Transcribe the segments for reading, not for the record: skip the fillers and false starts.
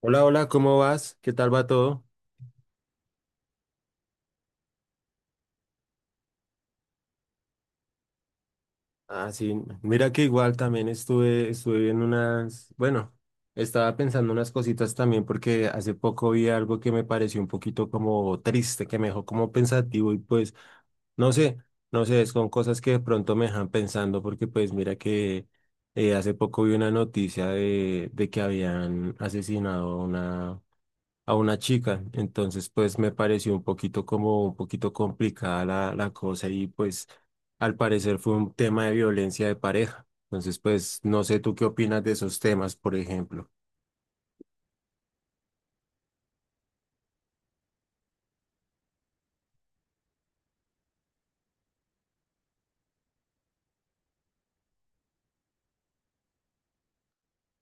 Hola, hola, ¿cómo vas? ¿Qué tal va todo? Ah, sí, mira que igual también estuve viendo unas, bueno, estaba pensando unas cositas también porque hace poco vi algo que me pareció un poquito como triste, que me dejó como pensativo y pues, no sé, no sé, son cosas que de pronto me dejan pensando porque pues mira que hace poco vi una noticia de que habían asesinado a una chica. Entonces, pues me pareció un poquito como un poquito complicada la cosa y pues al parecer fue un tema de violencia de pareja. Entonces, pues no sé tú qué opinas de esos temas, por ejemplo.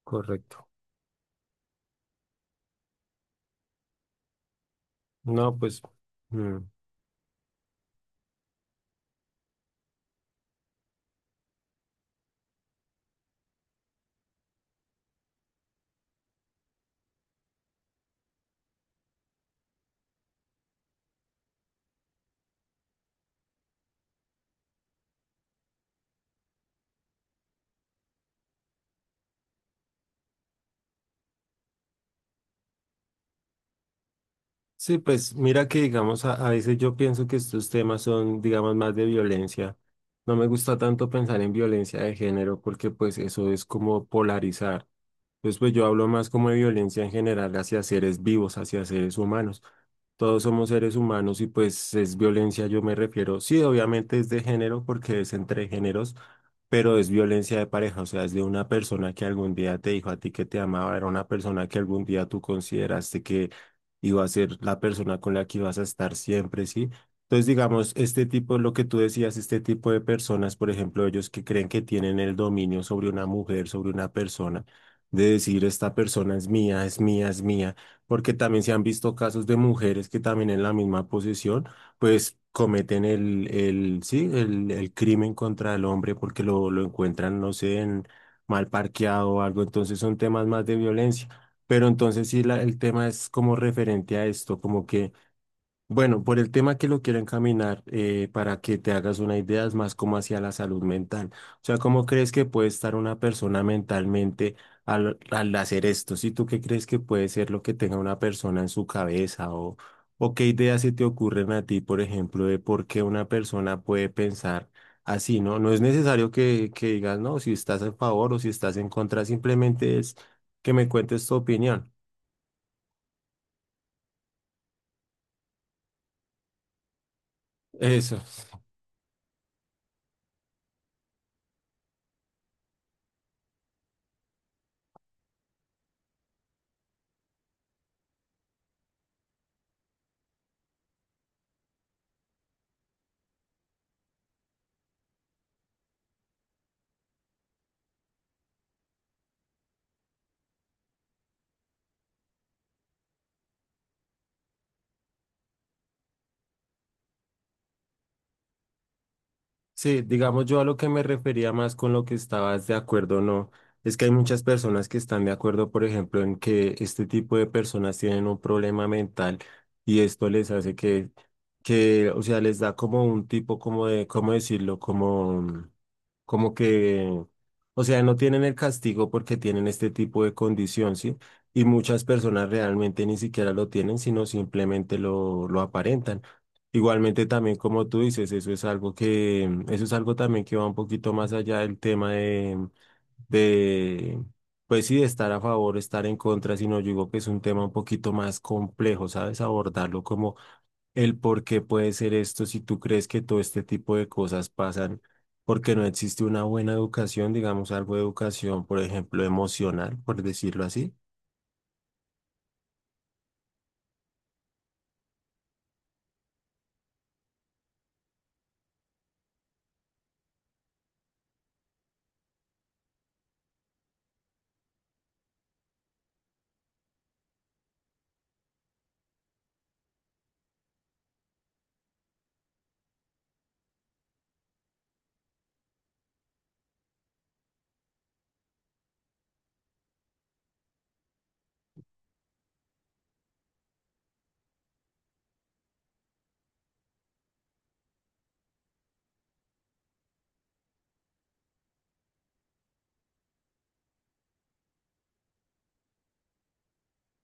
Correcto. No, pues mm. sí, pues mira que digamos, a veces yo pienso que estos temas son, digamos, más de violencia. No me gusta tanto pensar en violencia de género porque pues eso es como polarizar. Pues yo hablo más como de violencia en general hacia seres vivos, hacia seres humanos. Todos somos seres humanos y pues es violencia, yo me refiero. Sí, obviamente es de género porque es entre géneros, pero es violencia de pareja, o sea, es de una persona que algún día te dijo a ti que te amaba, era una persona que algún día tú consideraste que iba a ser la persona con la que ibas a estar siempre, ¿sí? Entonces, digamos, este tipo, lo que tú decías, este tipo de personas, por ejemplo, ellos que creen que tienen el dominio sobre una mujer, sobre una persona, de decir, esta persona es mía, es mía, es mía, porque también se han visto casos de mujeres que también en la misma posición pues cometen el, sí, el crimen contra el hombre porque lo encuentran, no sé, mal parqueado o algo, entonces son temas más de violencia. Pero entonces sí, el tema es como referente a esto, como que bueno, por el tema que lo quiero encaminar, para que te hagas una idea, es más como hacia la salud mental. O sea, ¿cómo crees que puede estar una persona mentalmente al hacer esto? ¿Si tú qué crees que puede ser lo que tenga una persona en su cabeza? O qué ideas se te ocurren a ti, por ejemplo, de por qué una persona puede pensar así, ¿no? No es necesario que digas, no, si estás a favor o si estás en contra, simplemente es que me cuentes tu opinión. Eso. Sí, digamos yo a lo que me refería más con lo que estabas de acuerdo o no, es que hay muchas personas que están de acuerdo, por ejemplo, en que este tipo de personas tienen un problema mental y esto les hace que, o sea, les da como un tipo, como de, ¿cómo decirlo? Como, como que, o sea, no tienen el castigo porque tienen este tipo de condición, ¿sí? Y muchas personas realmente ni siquiera lo tienen, sino simplemente lo aparentan. Igualmente también como tú dices, eso es algo que, eso es algo también que va un poquito más allá del tema de, de, pues sí, de estar a favor, estar en contra, sino yo digo que es un tema un poquito más complejo, ¿sabes? Abordarlo como el por qué puede ser esto, si tú crees que todo este tipo de cosas pasan, porque no existe una buena educación, digamos algo de educación, por ejemplo, emocional, por decirlo así.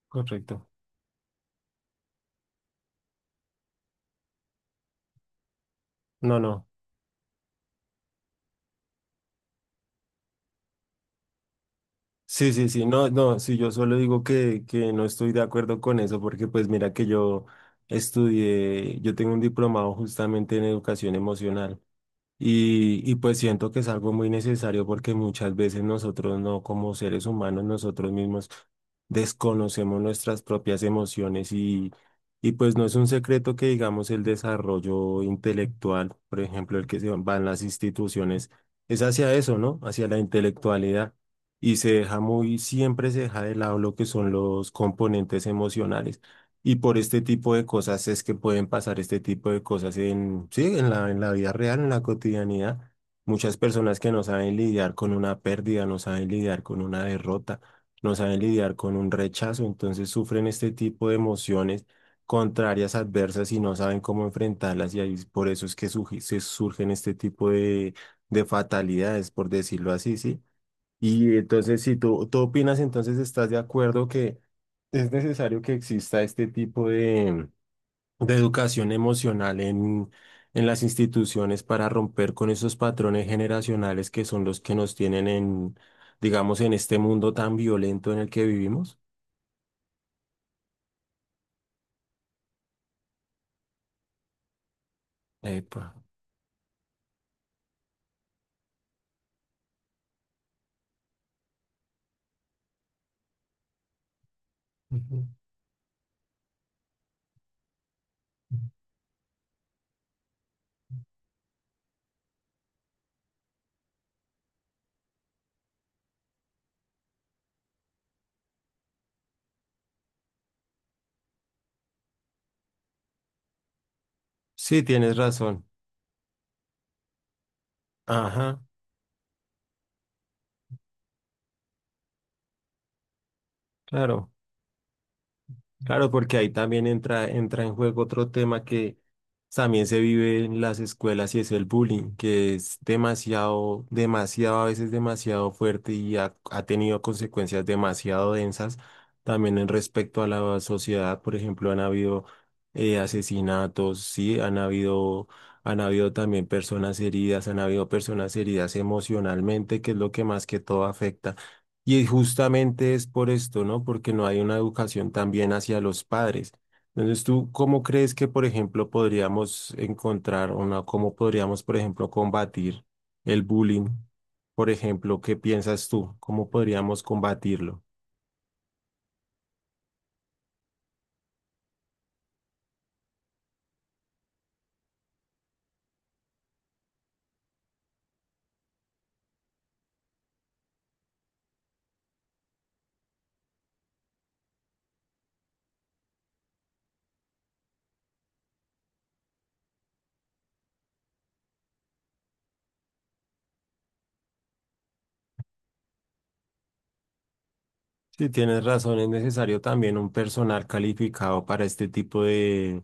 Correcto. No, no. Sí, sí, sí, no, no, sí, yo solo digo que no estoy de acuerdo con eso porque pues mira que yo estudié, yo tengo un diplomado justamente en educación emocional. Y pues siento que es algo muy necesario porque muchas veces nosotros no, como seres humanos, nosotros mismos desconocemos nuestras propias emociones y pues no es un secreto que digamos el desarrollo intelectual, por ejemplo, el que se va en las instituciones, es hacia eso, ¿no? Hacia la intelectualidad y se deja muy, siempre se deja de lado lo que son los componentes emocionales. Y por este tipo de cosas es que pueden pasar este tipo de cosas en, sí, en la vida real, en la cotidianidad. Muchas personas que no saben lidiar con una pérdida, no saben lidiar con una derrota, no saben lidiar con un rechazo, entonces sufren este tipo de emociones contrarias, adversas y no saben cómo enfrentarlas y ahí por eso es que se surgen este tipo de fatalidades, por decirlo así, ¿sí? Y entonces, si tú, tú opinas, entonces estás de acuerdo que es necesario que exista este tipo de educación emocional en las instituciones para romper con esos patrones generacionales que son los que nos tienen en, digamos, en este mundo tan violento en el que vivimos. Epa. Ujú. Sí, tienes razón. Ajá, claro. Claro, porque ahí también entra en juego otro tema que también se vive en las escuelas y es el bullying, que es demasiado, demasiado, a veces demasiado fuerte y ha, ha tenido consecuencias demasiado densas también en respecto a la sociedad. Por ejemplo, han habido asesinatos, sí, han habido también personas heridas, han habido personas heridas emocionalmente, que es lo que más que todo afecta y justamente es por esto, ¿no? Porque no hay una educación también hacia los padres. Entonces, ¿tú cómo crees que, por ejemplo, podríamos encontrar una, cómo podríamos, por ejemplo, combatir el bullying? Por ejemplo, ¿qué piensas tú? ¿Cómo podríamos combatirlo? Si tienes razón, es necesario también un personal calificado para este tipo de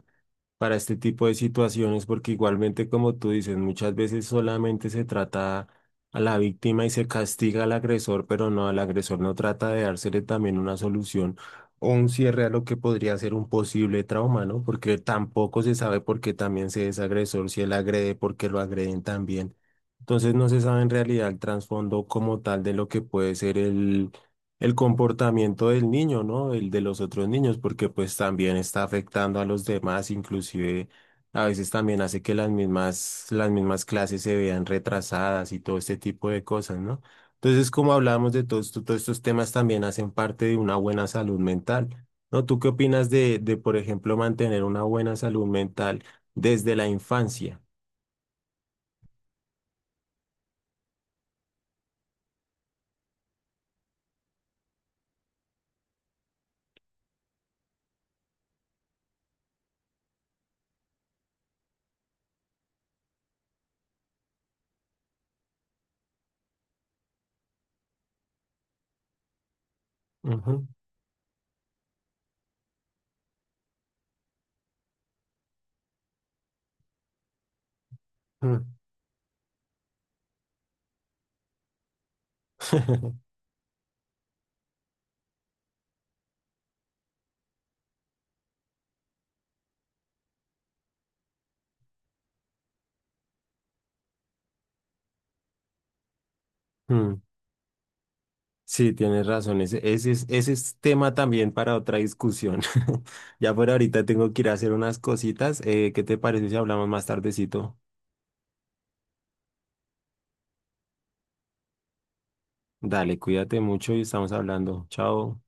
para este tipo de situaciones, porque igualmente, como tú dices, muchas veces solamente se trata a la víctima y se castiga al agresor, pero no, al agresor no trata de dársele también una solución o un cierre a lo que podría ser un posible trauma, ¿no? Porque tampoco se sabe por qué también se es agresor, si él agrede, por qué lo agreden también. Entonces no se sabe en realidad el trasfondo como tal de lo que puede ser el comportamiento del niño, ¿no? El de los otros niños, porque pues también está afectando a los demás, inclusive a veces también hace que las mismas clases se vean retrasadas y todo este tipo de cosas, ¿no? Entonces, como hablábamos de todo esto, todos estos temas también hacen parte de una buena salud mental, ¿no? ¿Tú qué opinas de por ejemplo, mantener una buena salud mental desde la infancia? Ujú, ujú. Sí, tienes razón. Ese ese es tema también para otra discusión. Ya por ahorita tengo que ir a hacer unas cositas. ¿Qué te parece si hablamos más tardecito? Dale, cuídate mucho y estamos hablando. Chao.